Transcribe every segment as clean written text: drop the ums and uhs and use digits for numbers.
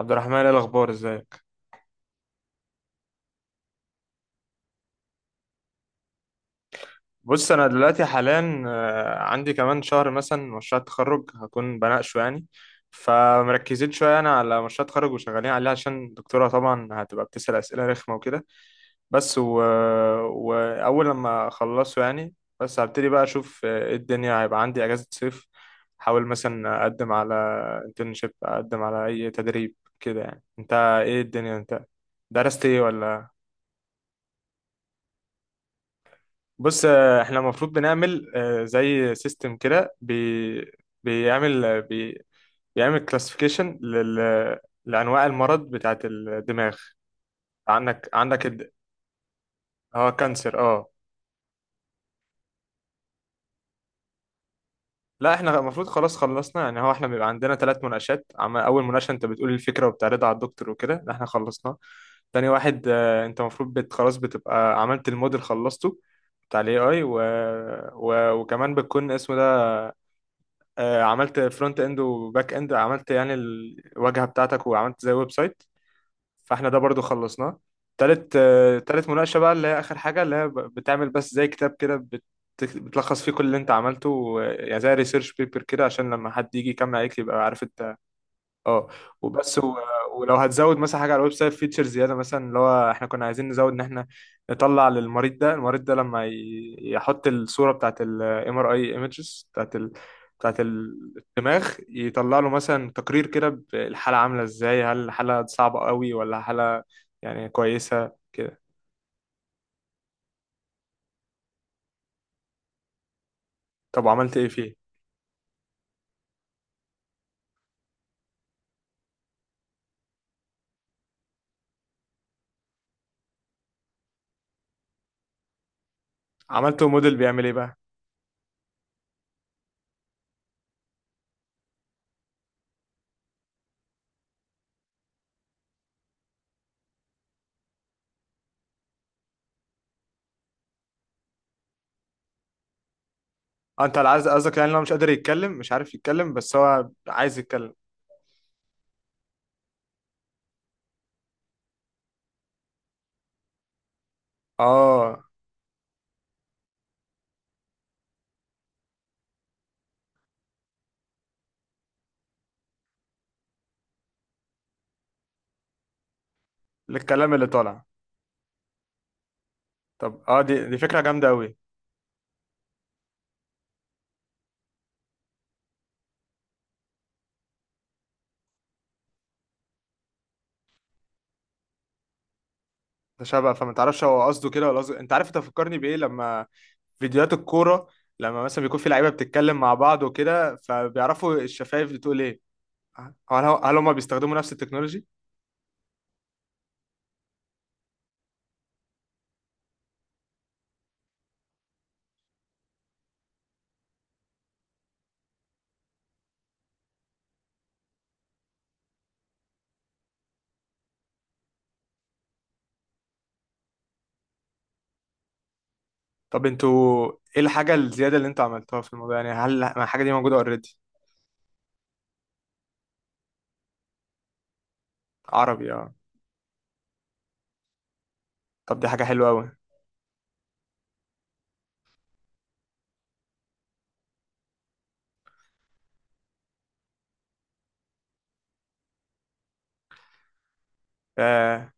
عبد الرحمن ايه الاخبار، ازيك؟ بص انا دلوقتي حاليا عندي كمان شهر مثلا مشروع تخرج هكون بناقشه يعني. فمركزين شويه انا على مشروع تخرج وشغالين عليه عشان الدكتوره طبعا هتبقى بتسال اسئله رخمه وكده. بس و... واول لما اخلصه يعني بس هبتدي بقى اشوف، ايه الدنيا. هيبقى عندي اجازه صيف، احاول مثلا اقدم على انترنشيب، اقدم على اي تدريب كده يعني. انت ايه الدنيا؟ انت درست ايه ولا؟ بص، احنا المفروض بنعمل زي سيستم كده بي بيعمل آه، بي بيعمل كلاسيفيكيشن لانواع المرض بتاعت الدماغ. عندك اه كانسر، اه. لا احنا المفروض خلاص خلصنا يعني. هو احنا بيبقى عندنا 3 مناقشات، اول مناقشه انت بتقول الفكره وبتعرضها على الدكتور وكده، ده احنا خلصناه. تاني واحد، انت المفروض خلاص بتبقى عملت الموديل خلصته بتاع الاي اي وكمان بتكون اسمه ده، عملت فرونت اند وباك اند، عملت يعني الواجهة بتاعتك وعملت زي ويب سايت. فاحنا ده برضو خلصناه. تالت، تالت مناقشة بقى اللي هي آخر حاجة، اللي هي بتعمل بس زي كتاب كده، بتلخص فيه كل اللي انت عملته يعني زي ريسيرش بيبر كده، عشان لما حد يجي يكمل عليك يبقى عارف انت. اه. وبس و... ولو هتزود مثلا حاجه على الويب سايت فيتشر زياده، مثلا اللي هو احنا كنا عايزين نزود ان احنا نطلع للمريض. ده المريض ده لما ي... يحط الصوره بتاعت الام ار اي، ايمجز بتاعت الدماغ، يطلع له مثلا تقرير كده الحاله عامله ازاي، هل الحاله صعبه قوي ولا حاله يعني كويسه كده. طب وعملت ايه فيه؟ عملته موديل بيعمل ايه بقى؟ انت عايز قصدك يعني إن هو مش قادر يتكلم، مش عارف يتكلم بس هو عايز يتكلم. اه، للكلام اللي طالع. طب اه، دي فكره جامده قوي. ده شبه، فما تعرفش هو قصده كده ولا قصده. انت عارف انت فكرني بايه؟ لما فيديوهات الكوره لما مثلا بيكون في لعيبه بتتكلم مع بعض وكده فبيعرفوا الشفايف بتقول ايه. هل هم بيستخدموا نفس التكنولوجي؟ طب انتوا ايه الحاجه الزياده اللي انتوا عملتوها في الموضوع؟ يعني هل الحاجه دي موجوده اوريدي؟ عربي، اه. طب دي حاجه حلوه قوي. آه،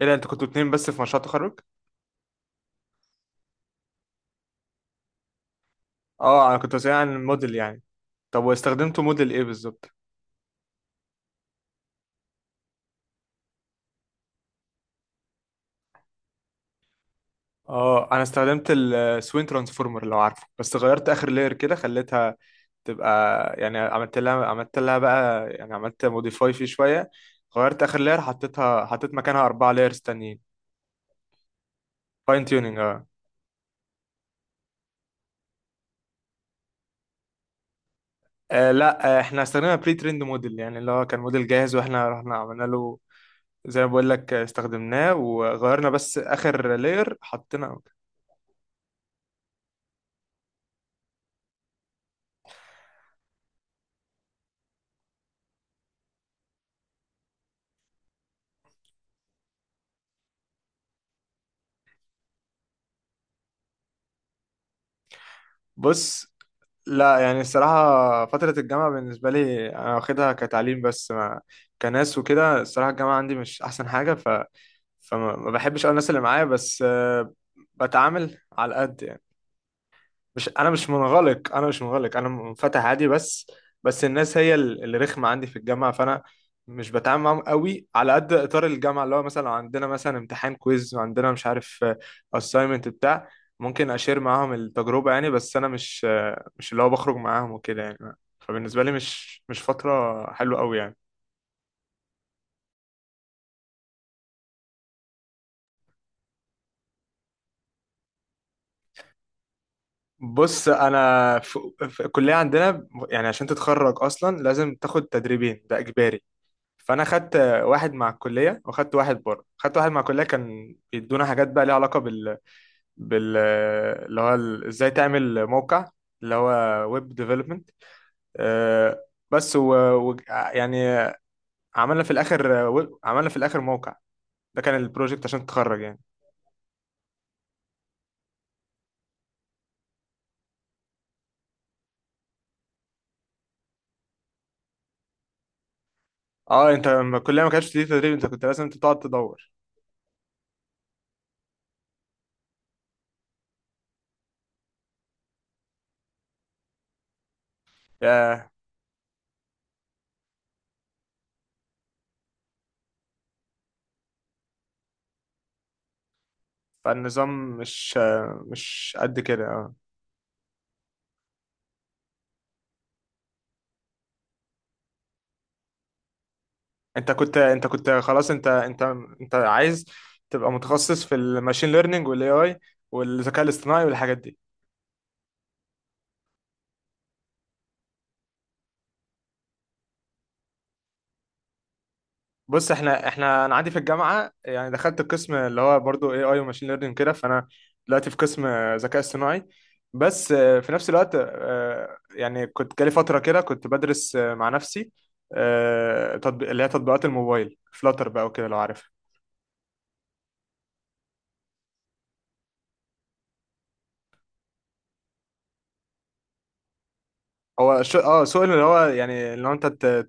ايه ده، انتوا كنتوا 2 بس في مشروع التخرج؟ اه انا كنت بسأل عن الموديل يعني. طب واستخدمتوا موديل ايه بالظبط؟ اه انا استخدمت السوين ترانسفورمر لو عارفه، بس غيرت اخر لاير كده خليتها تبقى يعني، عملت لها بقى يعني عملت موديفاي فيه شويه. غيرت اخر لاير، حطيتها حطيت مكانها 4 لايرز تانيين. فاين تيوننج، اه. لا احنا استخدمنا بري تريند موديل يعني، اللي هو كان موديل جاهز واحنا رحنا عملنا له زي ما بقول لك، استخدمناه وغيرنا بس اخر لاير حطينا. بص، لا يعني الصراحة فترة الجامعة بالنسبة لي أنا واخدها كتعليم بس، ما كناس وكده. الصراحة الجامعة عندي مش أحسن حاجة، فما ما بحبش أوي الناس اللي معايا بس، بتعامل على قد يعني. مش انا مش منغلق، انا مش منغلق، انا منفتح عادي، بس بس الناس هي اللي رخمه عندي في الجامعه، فانا مش بتعامل معاهم قوي، على قد اطار الجامعه اللي هو مثلا لو عندنا مثلا امتحان كويز وعندنا مش عارف اساينمنت بتاع، ممكن اشير معاهم التجربه يعني، بس انا مش، مش اللي هو بخرج معاهم وكده يعني. فبالنسبه لي مش فتره حلوه قوي يعني. بص انا في, في الكليه عندنا يعني عشان تتخرج اصلا لازم تاخد تدريبين، ده اجباري. فانا خدت واحد مع الكليه وخدت واحد بره. خدت واحد مع الكليه كان بيدونا حاجات بقى ليها علاقه بال اللي هو ازاي تعمل موقع، اللي هو ويب ديفلوبمنت. بس و... و... يعني عملنا في عملنا في الاخر موقع. ده كان البروجكت عشان تتخرج يعني. اه انت لما الكليه ما كانتش دي تدريب، انت كنت لازم تقعد تدور. ياه. فالنظام مش، مش قد كده، آه. انت كنت، انت كنت خلاص، انت انت انت عايز تبقى متخصص في الماشين ليرنينج والاي اي والذكاء الاصطناعي والحاجات دي. بص احنا، انا عندي في الجامعه يعني دخلت القسم اللي هو برضو اي اي وماشين ليرنينج كده. فانا دلوقتي في قسم ذكاء اصطناعي، بس في نفس الوقت، يعني كنت جالي فتره كده كنت بدرس مع نفسي، تطبيق اللي هي تطبيقات الموبايل، فلاتر بقى وكده، لو عارفها. اه سوق اللي هو يعني اللي هو انت،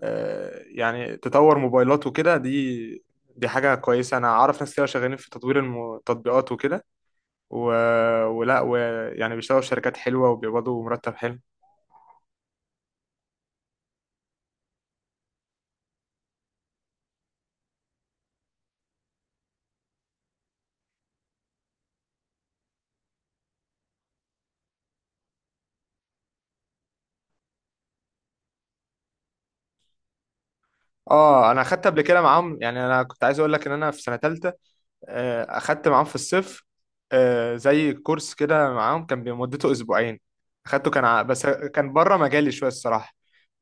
يعني تطور موبايلات وكده. دي حاجة كويسة، أنا أعرف ناس كده شغالين في تطوير التطبيقات وكده و... ولا ويعني بيشتغلوا في شركات حلوة وبيقبضوا مرتب حلو. اه انا اخدت قبل كده معاهم يعني، انا كنت عايز اقول لك ان انا في سنه ثالثه، اخدت معاهم في الصيف، زي كورس كده معاهم كان مدته أسبوعين. اخدته كان بس كان بره مجالي شويه الصراحه،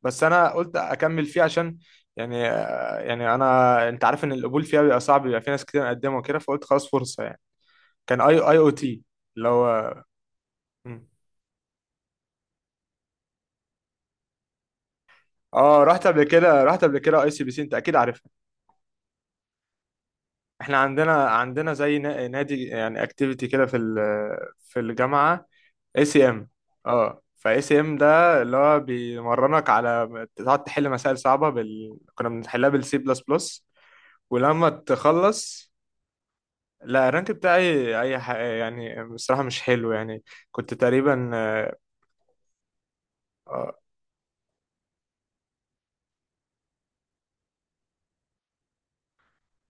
بس انا قلت اكمل فيه عشان يعني، يعني انا، انت عارف ان القبول فيها بيبقى صعب، بيبقى في ناس كتير مقدمه وكده، فقلت خلاص فرصه يعني. كان اي اي او تي اللي هو، مم. اه رحت قبل كده، رحت قبل كده اي سي بي سي، انت اكيد عارفها. احنا عندنا، عندنا زي نادي يعني اكتيفيتي كده في في الجامعه، اي سي ام. اه فاي سي ام ده اللي هو بيمرنك على تقعد تحل مسائل صعبه كنا بنحلها بالسي بلس بلس ولما تخلص. لا الرانك بتاعي يعني بصراحه مش حلو يعني. كنت تقريبا اه, آه.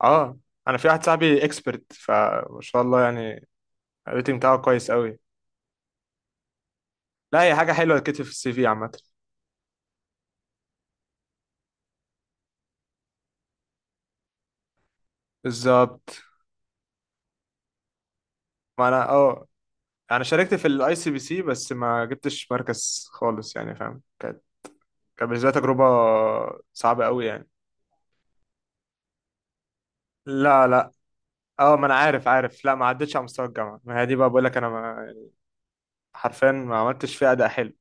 آه، انا في واحد صاحبي اكسبرت، فما شاء الله يعني. الريتنج بتاعه كويس قوي. لا هي حاجه حلوه، تكتب في السي في عامه. بالظبط. ما انا اه، انا شاركت في الاي سي بي سي بس ما جبتش مركز خالص يعني، فاهم، كانت، كان بالنسبة لي تجربة صعبة قوي يعني. لا لا. اه ما انا عارف، عارف. لا ما عدتش على مستوى الجامعة. ما هي دي بقى بقول لك، انا ما، حرفيا ما عملتش فيها اداء حلو.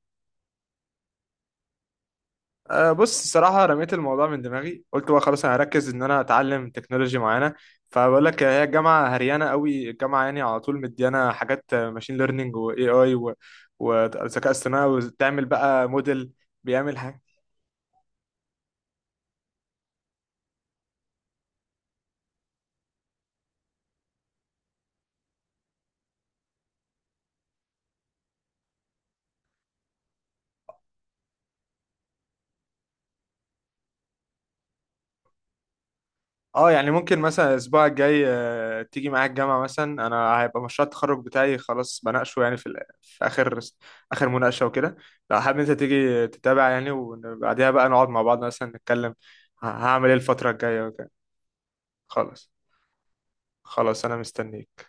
أه بص الصراحة رميت الموضوع من دماغي. قلت بقى خلاص انا هركز ان انا اتعلم تكنولوجي معينة. فبقول لك هي الجامعة هريانة قوي، الجامعة يعني على طول مديانا حاجات ماشين ليرنينج واي اي وذكاء اصطناعي وتعمل بقى موديل بيعمل. اه يعني ممكن مثلا الاسبوع الجاي، تيجي معايا الجامعه مثلا. انا هيبقى مشروع التخرج بتاعي خلاص بناقشه يعني في في اخر اخر مناقشه وكده، لو حابب انت تيجي تتابع يعني، وبعديها بقى نقعد مع بعض مثلا نتكلم هعمل ايه الفتره الجايه وكده. خلاص، خلاص انا مستنيك.